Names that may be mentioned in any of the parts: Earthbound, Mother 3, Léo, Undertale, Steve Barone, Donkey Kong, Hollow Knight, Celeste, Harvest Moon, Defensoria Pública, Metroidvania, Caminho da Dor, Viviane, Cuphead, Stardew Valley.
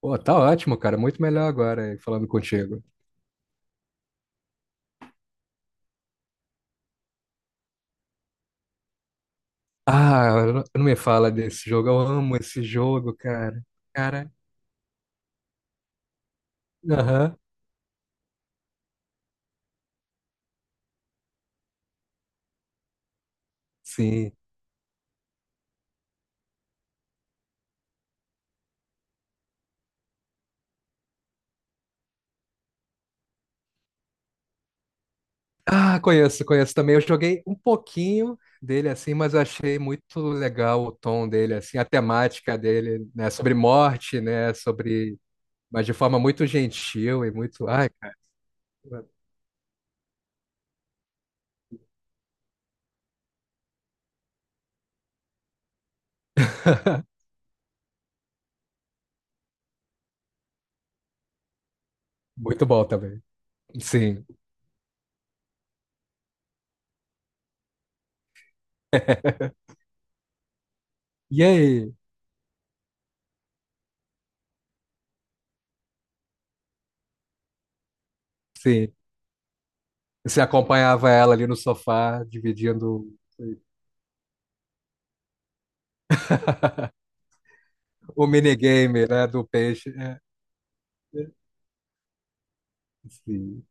Pô, tá ótimo, cara. Muito melhor agora, falando contigo. Ah, não me fala desse jogo. Eu amo esse jogo, cara. Cara, aham, sim. Ah, conheço, conheço também. Eu joguei um pouquinho dele assim, mas eu achei muito legal o tom dele, assim, a temática dele, né? Sobre morte, né? Sobre. Mas de forma muito gentil e muito. Ai, cara. Muito bom também. Sim. E aí? Sim. Você acompanhava ela ali no sofá, dividindo. O minigame, né, do peixe. É, é, sim,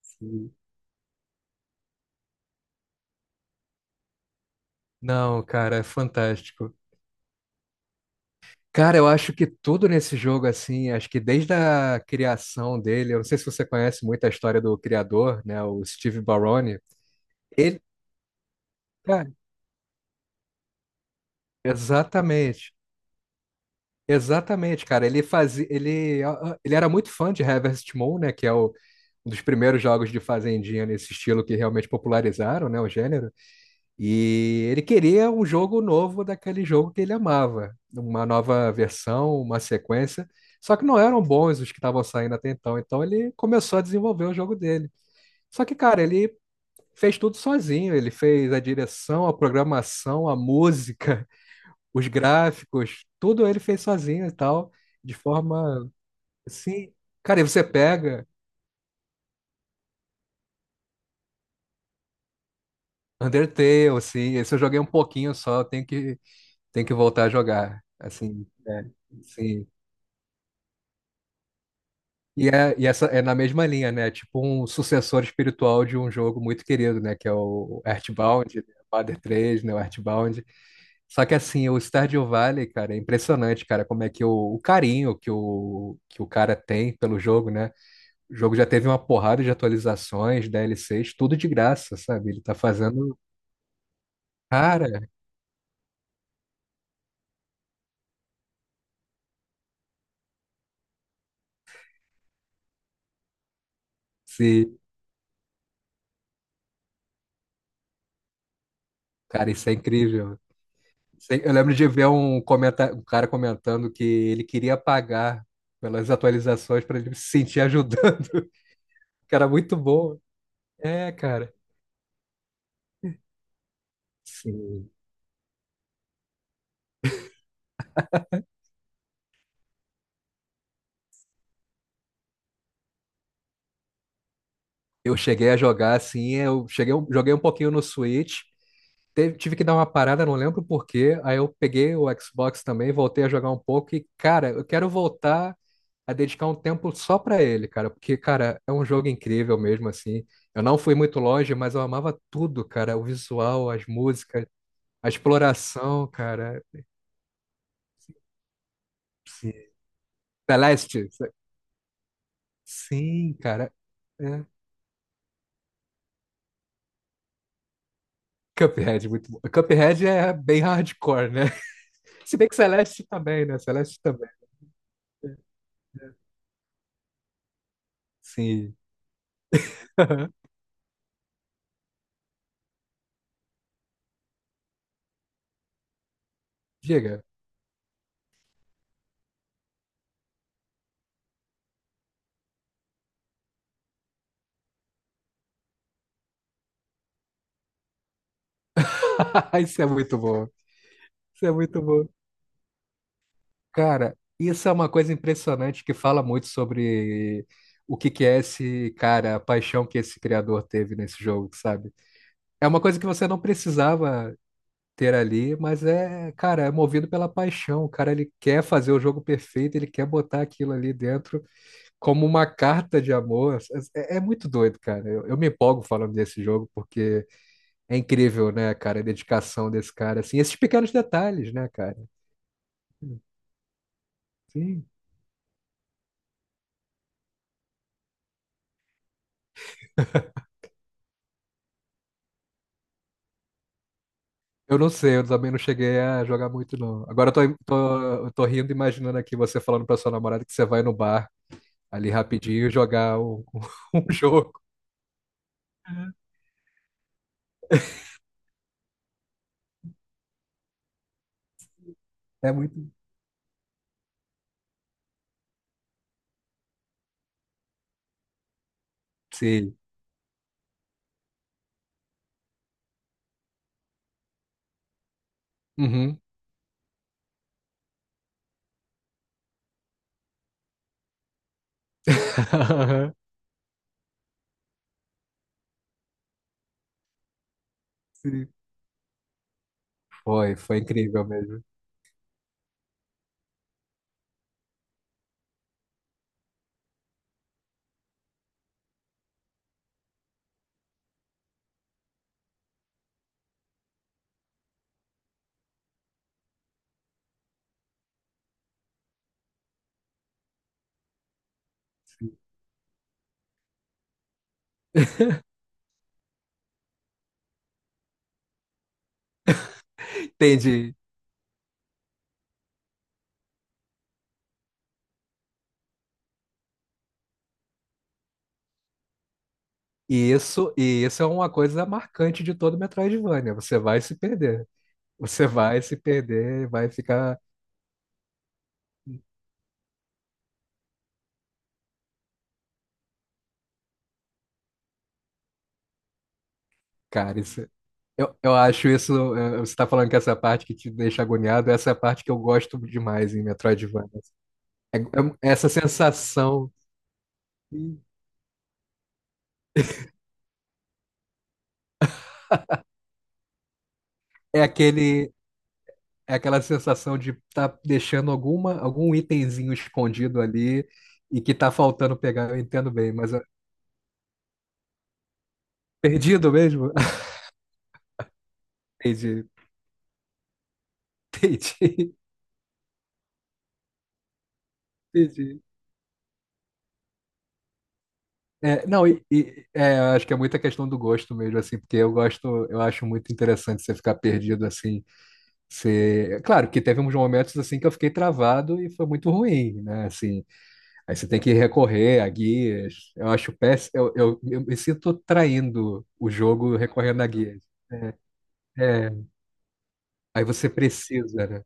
sim. Não, cara, é fantástico. Cara, eu acho que tudo nesse jogo, assim, acho que desde a criação dele, eu não sei se você conhece muito a história do criador, né, o Steve Barone. Ele, cara, exatamente. Exatamente, cara. Ele fazia, ele era muito fã de Harvest Moon, né, que é o um dos primeiros jogos de fazendinha nesse estilo que realmente popularizaram, né, o gênero. E ele queria um jogo novo daquele jogo que ele amava, uma nova versão, uma sequência. Só que não eram bons os que estavam saindo até então. Então ele começou a desenvolver o jogo dele. Só que, cara, ele fez tudo sozinho. Ele fez a direção, a programação, a música, os gráficos, tudo ele fez sozinho e tal, de forma assim. Cara, e você pega Undertale, assim, esse eu joguei um pouquinho só, tenho que voltar a jogar. Assim, é, sim. E, é, e essa é na mesma linha, né? Tipo um sucessor espiritual de um jogo muito querido, né? Que é o Earthbound, né? Mother 3, né? O Earthbound. Só que assim, o Stardew Valley, cara, é impressionante, cara, como é que o carinho que o cara tem pelo jogo, né? O jogo já teve uma porrada de atualizações, DLCs, tudo de graça, sabe? Ele tá fazendo. Cara, se. Cara, isso é incrível. Eu lembro de ver um cara comentando que ele queria pagar pelas atualizações para ele se sentir ajudando, que era muito bom. É, cara. Sim. Eu cheguei a jogar assim, joguei um pouquinho no Switch, tive que dar uma parada, não lembro por quê. Aí eu peguei o Xbox também, voltei a jogar um pouco e, cara, eu quero voltar a dedicar um tempo só pra ele, cara, porque, cara, é um jogo incrível mesmo assim. Eu não fui muito longe, mas eu amava tudo, cara, o visual, as músicas. A exploração, cara. Sim. Celeste. Sim, cara. É. Cuphead, muito bom. Cuphead é bem hardcore, né? Se bem que Celeste também, né? Celeste também. Sim. Diga. Isso é muito bom. Isso é muito bom. Cara, isso é uma coisa impressionante que fala muito sobre o que que é esse cara, a paixão que esse criador teve nesse jogo, sabe? É uma coisa que você não precisava ter ali, mas é, cara, é movido pela paixão. O cara ele quer fazer o jogo perfeito, ele quer botar aquilo ali dentro como uma carta de amor. É, é muito doido, cara. Eu me empolgo falando desse jogo porque é incrível, né, cara, a dedicação desse cara, assim, esses pequenos detalhes, né, cara? Sim. Eu não sei, eu também não cheguei a jogar muito, não. Agora eu tô, eu tô rindo, imaginando aqui você falando pra sua namorada que você vai no bar ali rapidinho jogar um jogo. É muito. Sim. Uhum. Sim, foi incrível mesmo. Sim. Entendi. E isso é uma coisa marcante de todo Metroidvania. Você vai se perder. Você vai se perder, e vai ficar. Cara, isso, eu acho isso. Você está falando que essa parte que te deixa agoniado, essa é a parte que eu gosto demais em Metroidvania. É- é essa sensação. Sim. É aquele, é aquela sensação de estar tá deixando alguma, algum itemzinho escondido ali e que tá faltando pegar. Eu entendo bem, mas perdido mesmo? Entendi, entendi, entendi. É, não, é, eu acho que é muita questão do gosto mesmo, assim, porque eu gosto, eu acho muito interessante você ficar perdido, assim, você... É claro que teve uns momentos, assim, que eu fiquei travado e foi muito ruim, né, assim, aí você tem que recorrer a guias, eu acho péssimo, eu me sinto traindo o jogo recorrendo a guias. É, é, aí você precisa, né?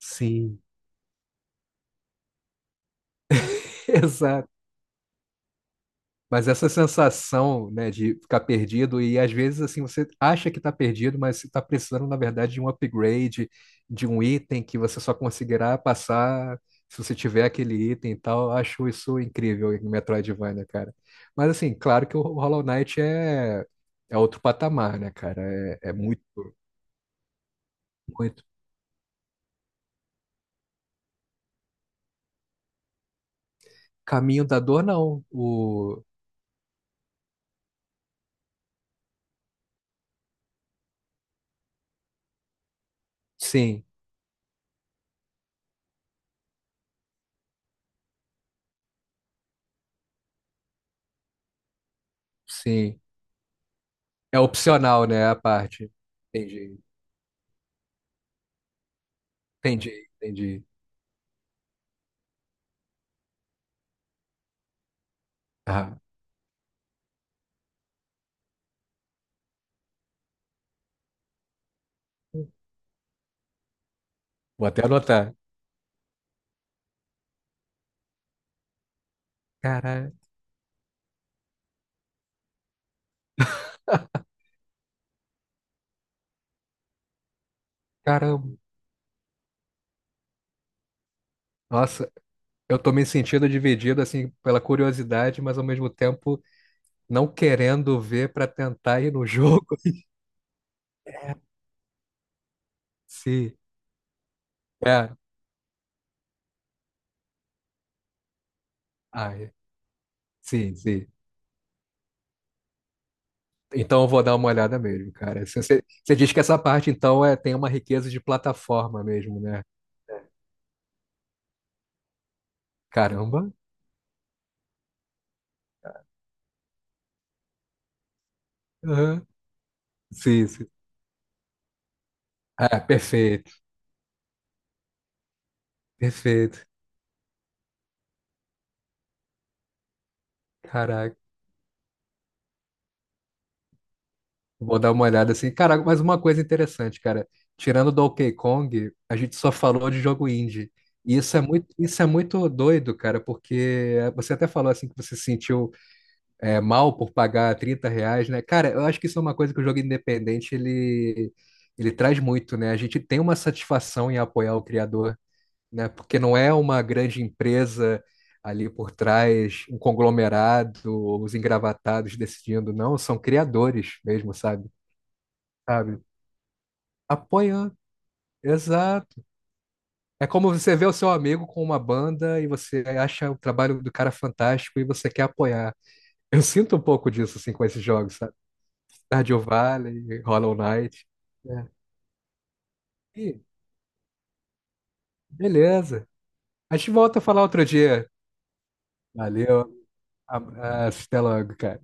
Sim, exato. Mas essa sensação, né, de ficar perdido e às vezes assim você acha que está perdido, mas você está precisando na verdade de um upgrade, de um item que você só conseguirá passar se você tiver aquele item e tal. Eu acho isso incrível em Metroidvania, cara. Mas assim, claro que o Hollow Knight é é outro patamar, né, cara? É, é muito, muito. Caminho da Dor, não. O sim, sim. É opcional, né, a parte. Entendi, entendi, entendi. Ah. Vou até anotar. Cara, caramba. Nossa, eu tô me sentindo dividido assim pela curiosidade, mas ao mesmo tempo não querendo ver pra tentar ir no jogo. É. Sim. É. Ah, é. Sim, sim. Então eu vou dar uma olhada mesmo, cara. Se você, você diz que essa parte então é tem uma riqueza de plataforma mesmo, né? Caramba. Aham. Sim, sim. Ah, perfeito. Perfeito. Caraca. Vou dar uma olhada assim. Cara, mas uma coisa interessante, cara. Tirando Donkey Kong, a gente só falou de jogo indie. E isso é muito doido, cara, porque você até falou assim que você se sentiu mal por pagar R$ 30, né? Cara, eu acho que isso é uma coisa que o jogo independente ele traz muito, né? A gente tem uma satisfação em apoiar o criador, né? Porque não é uma grande empresa ali por trás, um conglomerado, os engravatados decidindo, não, são criadores mesmo, sabe? Sabe? Apoiando. Exato. É como você vê o seu amigo com uma banda e você acha o trabalho do cara fantástico e você quer apoiar. Eu sinto um pouco disso assim com esses jogos, sabe? Stardew Valley, Hollow Knight. É. E, beleza. A gente volta a falar outro dia. Valeu. Até logo, cara.